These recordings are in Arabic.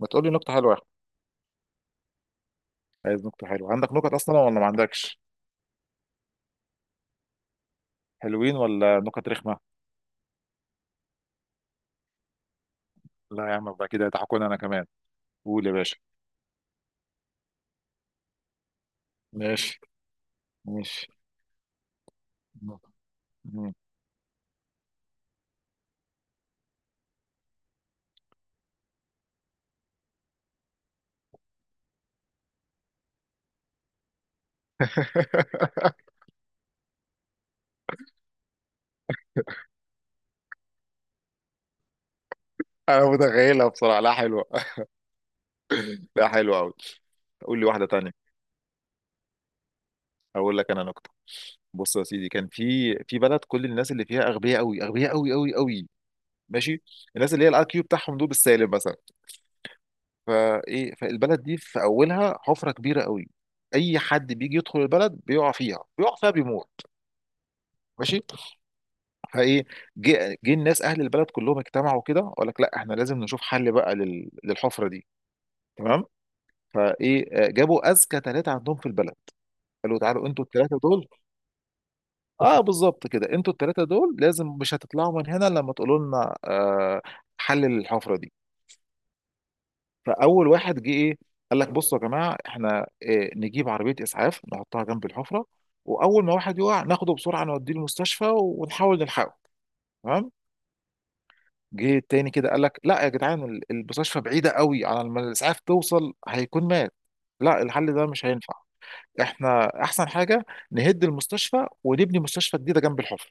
ما تقول لي نكتة حلوة يا أحمد. عايز نكتة حلوة؟ عندك نكت أصلا ولا ما عندكش؟ حلوين ولا نكت رخمة؟ لا يا عم يبقى كده يضحكوني أنا كمان. قول يا باشا. ماشي. ماشي. مم. أنا متخيلها بصراحة لا حلوة. لا حلوة أوي. قول لي واحدة تانية. أقول لك أنا نكتة. بص يا سيدي، كان في بلد كل الناس اللي فيها أغبياء أوي، أغبياء أوي أوي أوي. ماشي. الناس اللي هي الاي كيو بتاعهم دول بالسالب مثلا. فايه، فالبلد دي في اولها حفره كبيره قوي. اي حد بيجي يدخل البلد بيقع فيها، بيموت ماشي. فايه، جه الناس اهل البلد كلهم اجتمعوا كده وقال لك لا احنا لازم نشوف حل بقى للحفره دي. تمام. فايه، جابوا اذكى ثلاثه عندهم في البلد. قالوا تعالوا انتوا الثلاثه دول. اه بالظبط كده، انتوا الثلاثه دول لازم مش هتطلعوا من هنا لما تقولوا لنا حل للحفره دي. فاول واحد جه ايه؟ قال لك بصوا يا جماعه، احنا نجيب عربيه اسعاف نحطها جنب الحفره. واول ما واحد يقع ناخده بسرعه نوديه المستشفى ونحاول نلحقه. تمام. جه التاني كده قال لك لا يا جدعان، المستشفى بعيده قوي، على ما الاسعاف توصل هيكون مات. لا الحل ده مش هينفع. احنا احسن حاجه نهد المستشفى ونبني مستشفى جديده جنب الحفره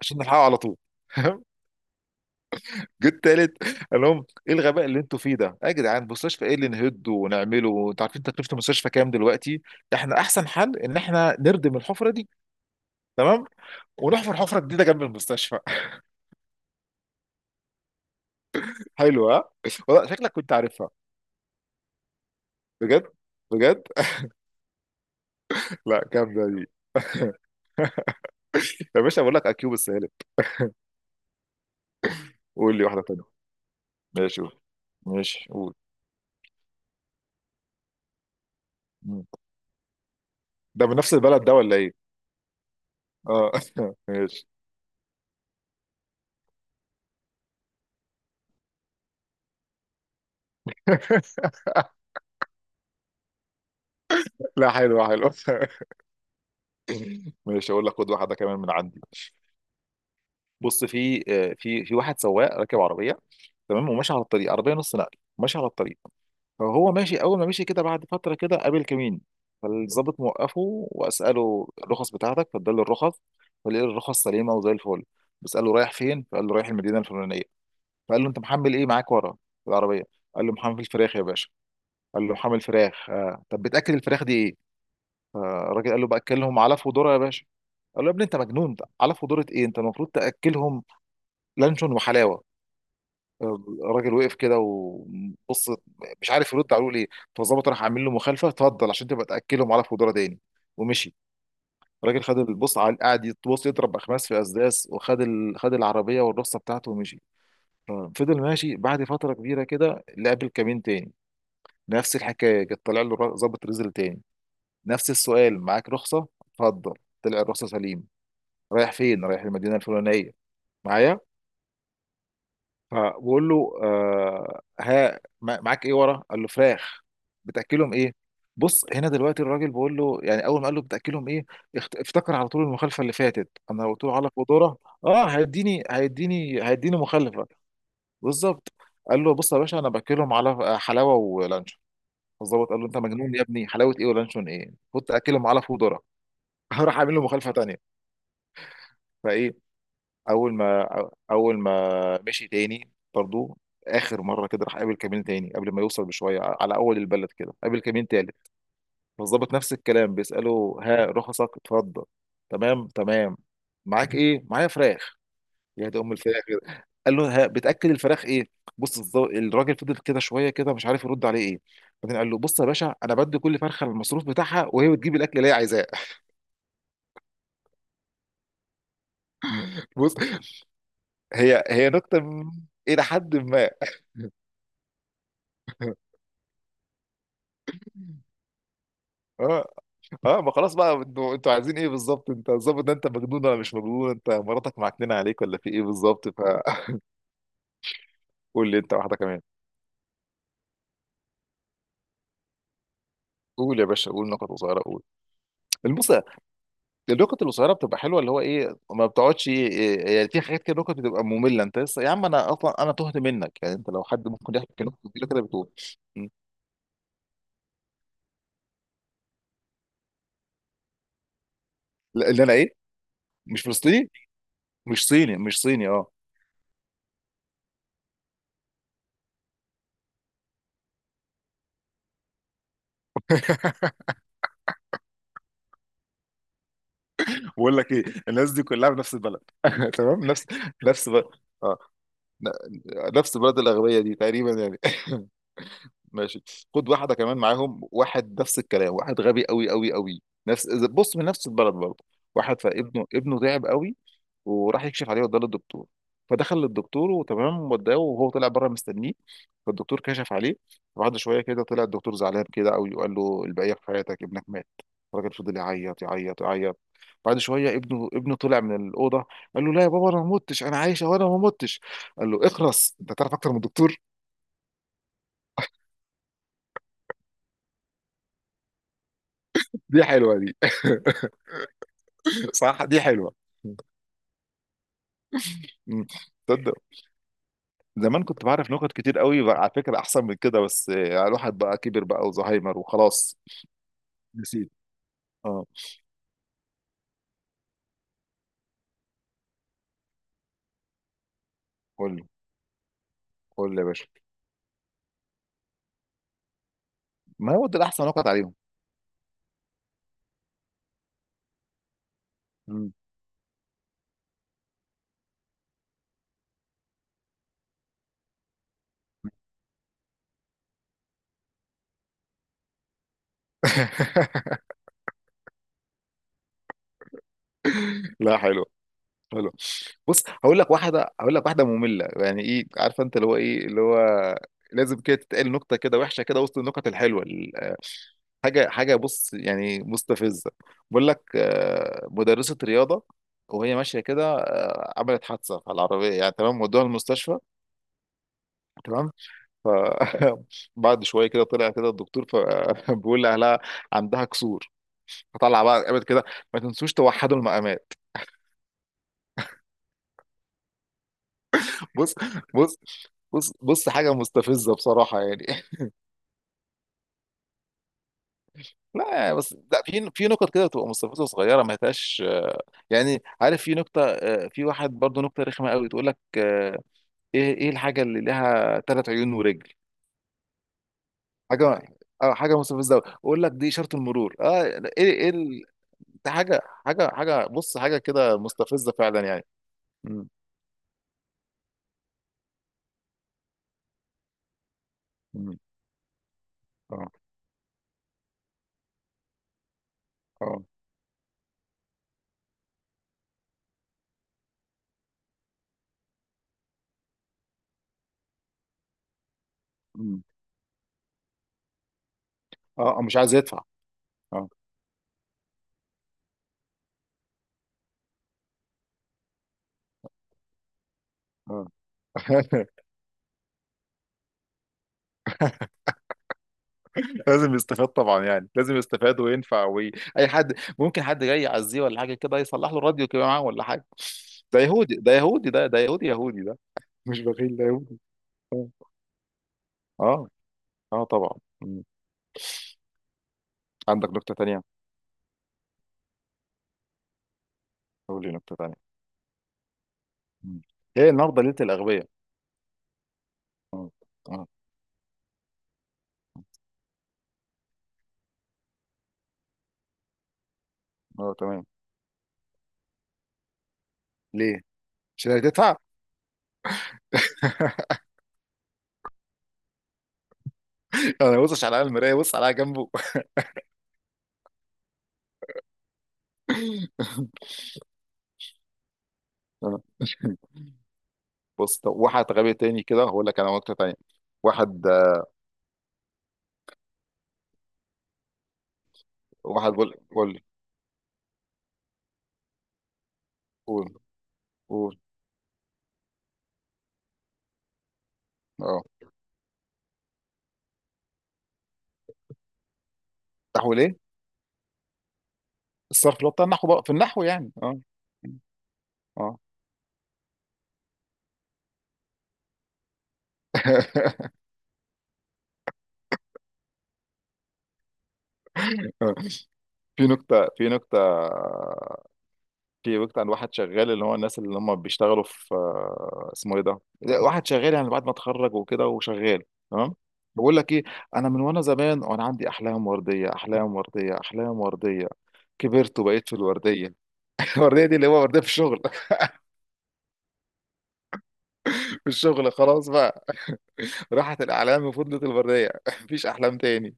عشان نلحقه على طول. جيت تالت، قال لهم ايه الغباء اللي انتوا فيه ده يا جدعان؟ مستشفى ايه اللي نهده ونعمله؟ انتوا عارفين تكلفه المستشفى كام دلوقتي؟ احنا احسن حل ان احنا نردم الحفره دي، تمام، ونحفر حفره جديده جنب المستشفى. حلوه ها؟ والله شكلك كنت عارفها. بجد؟ بجد؟ لا جامده دي. يا باشا بقول لك اكيوب السالب. قول لي واحده تانيه. ماشي قول. ماشي قول. مم. ده من نفس البلد ده ولا ايه؟ اه ماشي. لا حلو، حلو. ماشي اقول لك خد واحده كمان من عندي. بص، في آه، في في واحد سواق راكب عربيه، تمام، وماشي على الطريق، عربيه نص نقل ماشي على الطريق. فهو ماشي اول ما مشي كده، بعد فتره كده قابل كمين. فالظابط موقفه واساله الرخص بتاعتك، فاداله الرخص. فقال له الرخص سليمه وزي الفل. بساله رايح فين؟ فقال له رايح المدينه الفلانيه. فقال له انت محمل ايه معاك ورا في العربيه؟ قال له محمل فراخ يا باشا. قال له محمل فراخ. طب بتاكل الفراخ دي ايه؟ فالراجل قال له باكلهم علف وذره يا باشا. قال له يا ابني انت مجنون، علف وذره ايه؟ انت المفروض تاكلهم لانشون وحلاوه. الراجل وقف كده وبص، مش عارف يرد على ليه. فالظابط راح عامل له مخالفه، اتفضل عشان تبقى تاكلهم على فودره تاني. ومشي الراجل، خد البص على قاعد يتبص يضرب اخماس في اسداس، وخد خد العربيه والرصه بتاعته ومشي. ففضل ماشي، بعد فتره كبيره كده لقى كمين تاني. نفس الحكايه جت، طلع له ظابط رزل تاني. نفس السؤال، معاك رخصه اتفضل. طلع الرخصه سليم. رايح فين؟ رايح المدينه الفلانيه. معايا، فبقول له آه ها، معاك ايه ورا؟ قال له فراخ. بتاكلهم ايه؟ بص هنا دلوقتي الراجل بقول له يعني، اول ما قال له بتاكلهم ايه، افتكر على طول المخالفه اللي فاتت، انا لو قلت له على قدره اه هيديني، مخالفه. بالظبط. قال له بص يا باشا انا باكلهم على حلاوه ولانشون. الظابط قال له انت مجنون يا ابني، حلاوه ايه ولانشون ايه؟ كنت اكلهم على فودره. هروح اعمل له مخالفه تانيه. فايه، اول ما اول ما مشي تاني برضو، اخر مره كده راح قابل كمين تاني قبل ما يوصل بشويه، على اول البلد كده قابل كمين تالت. فالظابط نفس الكلام، بيساله ها رخصك اتفضل. تمام تمام. معاك ايه؟ معايا فراخ. يا دي ام الفراخ كده. قال له ها بتاكل الفراخ ايه؟ بص الراجل فضل كده شويه كده مش عارف يرد عليه ايه. بعدين قال له بص يا باشا انا بدي كل فرخه المصروف بتاعها وهي بتجيب الاكل اللي هي عايزاه. بص، هي نكته الى حد ما. اه. اه. ما خلاص بقى، انتوا عايزين ايه بالظبط؟ انت الظابط ده انت مجنون ولا مش مجنون؟ انت مراتك معكننه عليك ولا في ايه بالظبط؟ فقول لي انت واحده كمان. قول يا باشا، قول نقط قصيره قول. البص، النقط القصيره بتبقى حلوه، اللي هو ايه، ما بتقعدش ايه، إيه، ايه، يعني في حاجات كده نقط بتبقى ممله انت لسه يا عم، انا اصلا انا تهت منك. يعني انت لو حد ممكن يحكي نقطه كبيره كده بتقول. م. لا، اللي انا ايه، مش فلسطيني، مش صيني. مش صيني، اه. بقول لك ايه، الناس دي كلها في نفس البلد؟ تمام، نفس، نفس بلد، ن- نفس البلد الأغبية دي تقريبا يعني. ماشي. خد واحده كمان معاهم. واحد نفس الكلام، واحد غبي قوي قوي قوي، نفس بص من نفس البلد برضه. واحد، فابنه تعب قوي وراح يكشف عليه، وده للدكتور. فدخل للدكتور وتمام، وداه وهو طلع بره مستنيه. فالدكتور كشف عليه، بعد شويه كده طلع الدكتور زعلان كده قوي وقال له البقيه في حياتك، ابنك مات. الراجل فضل يعيط يعيط يعيط. بعد شويه ابنه طلع من الاوضه، قال له لا يا بابا انا ما متش، انا عايشه وانا ما متش. قال له اخرس انت تعرف اكتر من الدكتور. دي حلوه دي. صح، دي حلوه. مم. تصدق، زمان كنت بعرف نكت كتير قوي بقى على فكره احسن من كده، بس الواحد بقى كبر بقى وزهايمر وخلاص، نسيت. اه. قول لي، قول لي يا باشا. ما هو ده الاحسن، نكت عليهم. مم. لا حلو، حلو. بص هقول لك واحده، هقول لك واحده ممله، يعني ايه عارفه، انت اللي هو ايه اللي هو لازم كده تتقال نكته كده وحشه كده وسط النكت الحلوه، حاجه، حاجه، بص يعني مستفزه. بقول لك، مدرسه رياضه، وهي ماشيه كده عملت حادثه على العربيه يعني، تمام، ودوها المستشفى، تمام. ف بعد شويه كده طلع كده الدكتور بيقول لاهلها عندها كسور. فطلع بقى قامت كده، ما تنسوش توحدوا المقامات. بص بص بص بص، حاجة مستفزة بصراحة يعني. لا بس لا، في نكت كده بتبقى مستفزة صغيرة ما هياش يعني عارف. في نكتة في واحد برضه نكتة رخمة قوي تقول لك ايه، الحاجة اللي لها ثلاث عيون ورجل؟ حاجة اه حاجة مستفزة قوي، اقول لك دي إشارة المرور. اه ايه ايه ده حاجة، حاجة بص، حاجة كده مستفزة فعلا يعني. مم. مم. اه. اه. مم. اه. مش عايز يدفع. اه. اه. لازم يستفاد طبعا يعني، لازم يستفاد وينفع اي حد، ممكن حد جاي يعزيه ولا حاجه كده يصلح له راديو كده معاه ولا حاجه. ده يهودي، ده يهودي، ده ده يهودي، يهودي ده. مش بخيل ده يهودي. اه. اه. آه طبعا. مم. عندك نكته تانيه؟ قول لي نكته تانيه. مم. ايه النهارده ليله الاغبياء؟ اه. اه. تمام. ليه؟ مش هتدفع. انا بصش على المرايه، بص عليها جنبه. آه. بص طب واحد غبي تاني كده هقول لك انا نكته تانيه. واحد، واحد بيقول. قول. قول. اه. نحو ليه؟ الصرف اللي هو بتاع النحو بقى، في النحو يعني، اه. اه. في نكتة، في نكتة عن واحد شغال، اللي هو الناس اللي هم بيشتغلوا في اسمه ايه ده؟ لا، واحد شغال يعني بعد ما اتخرج وكده وشغال، تمام؟ بقول لك ايه، انا من وانا زمان وانا عندي احلام ورديه، احلام ورديه، احلام ورديه، كبرت وبقيت في الورديه. الورديه دي اللي هو ورديه في الشغل. في الشغل خلاص بقى، راحت الاحلام وفضلت الورديه. مفيش احلام تاني.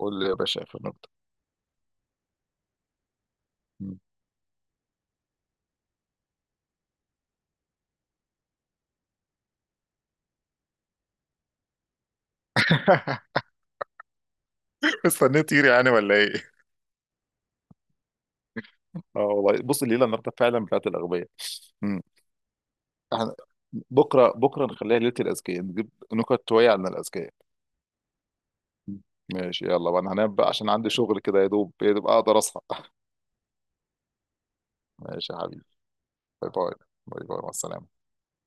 قول لي يا باشا في النقطة. مم. استنيت تطير يعني ولا ايه؟ اه والله بص، الليلة النهاردة فعلا بتاعت الأغبياء. مم. احنا بكرة، نخليها ليلة الأذكياء، نجيب نكت شوية عن الأذكياء. مم. ماشي، يلا بقى انا هنام بقى عشان عندي شغل كده، يا دوب اقدر اصحى. ماشي يا حبيبي. باي باي. باي باي، مع السلامة.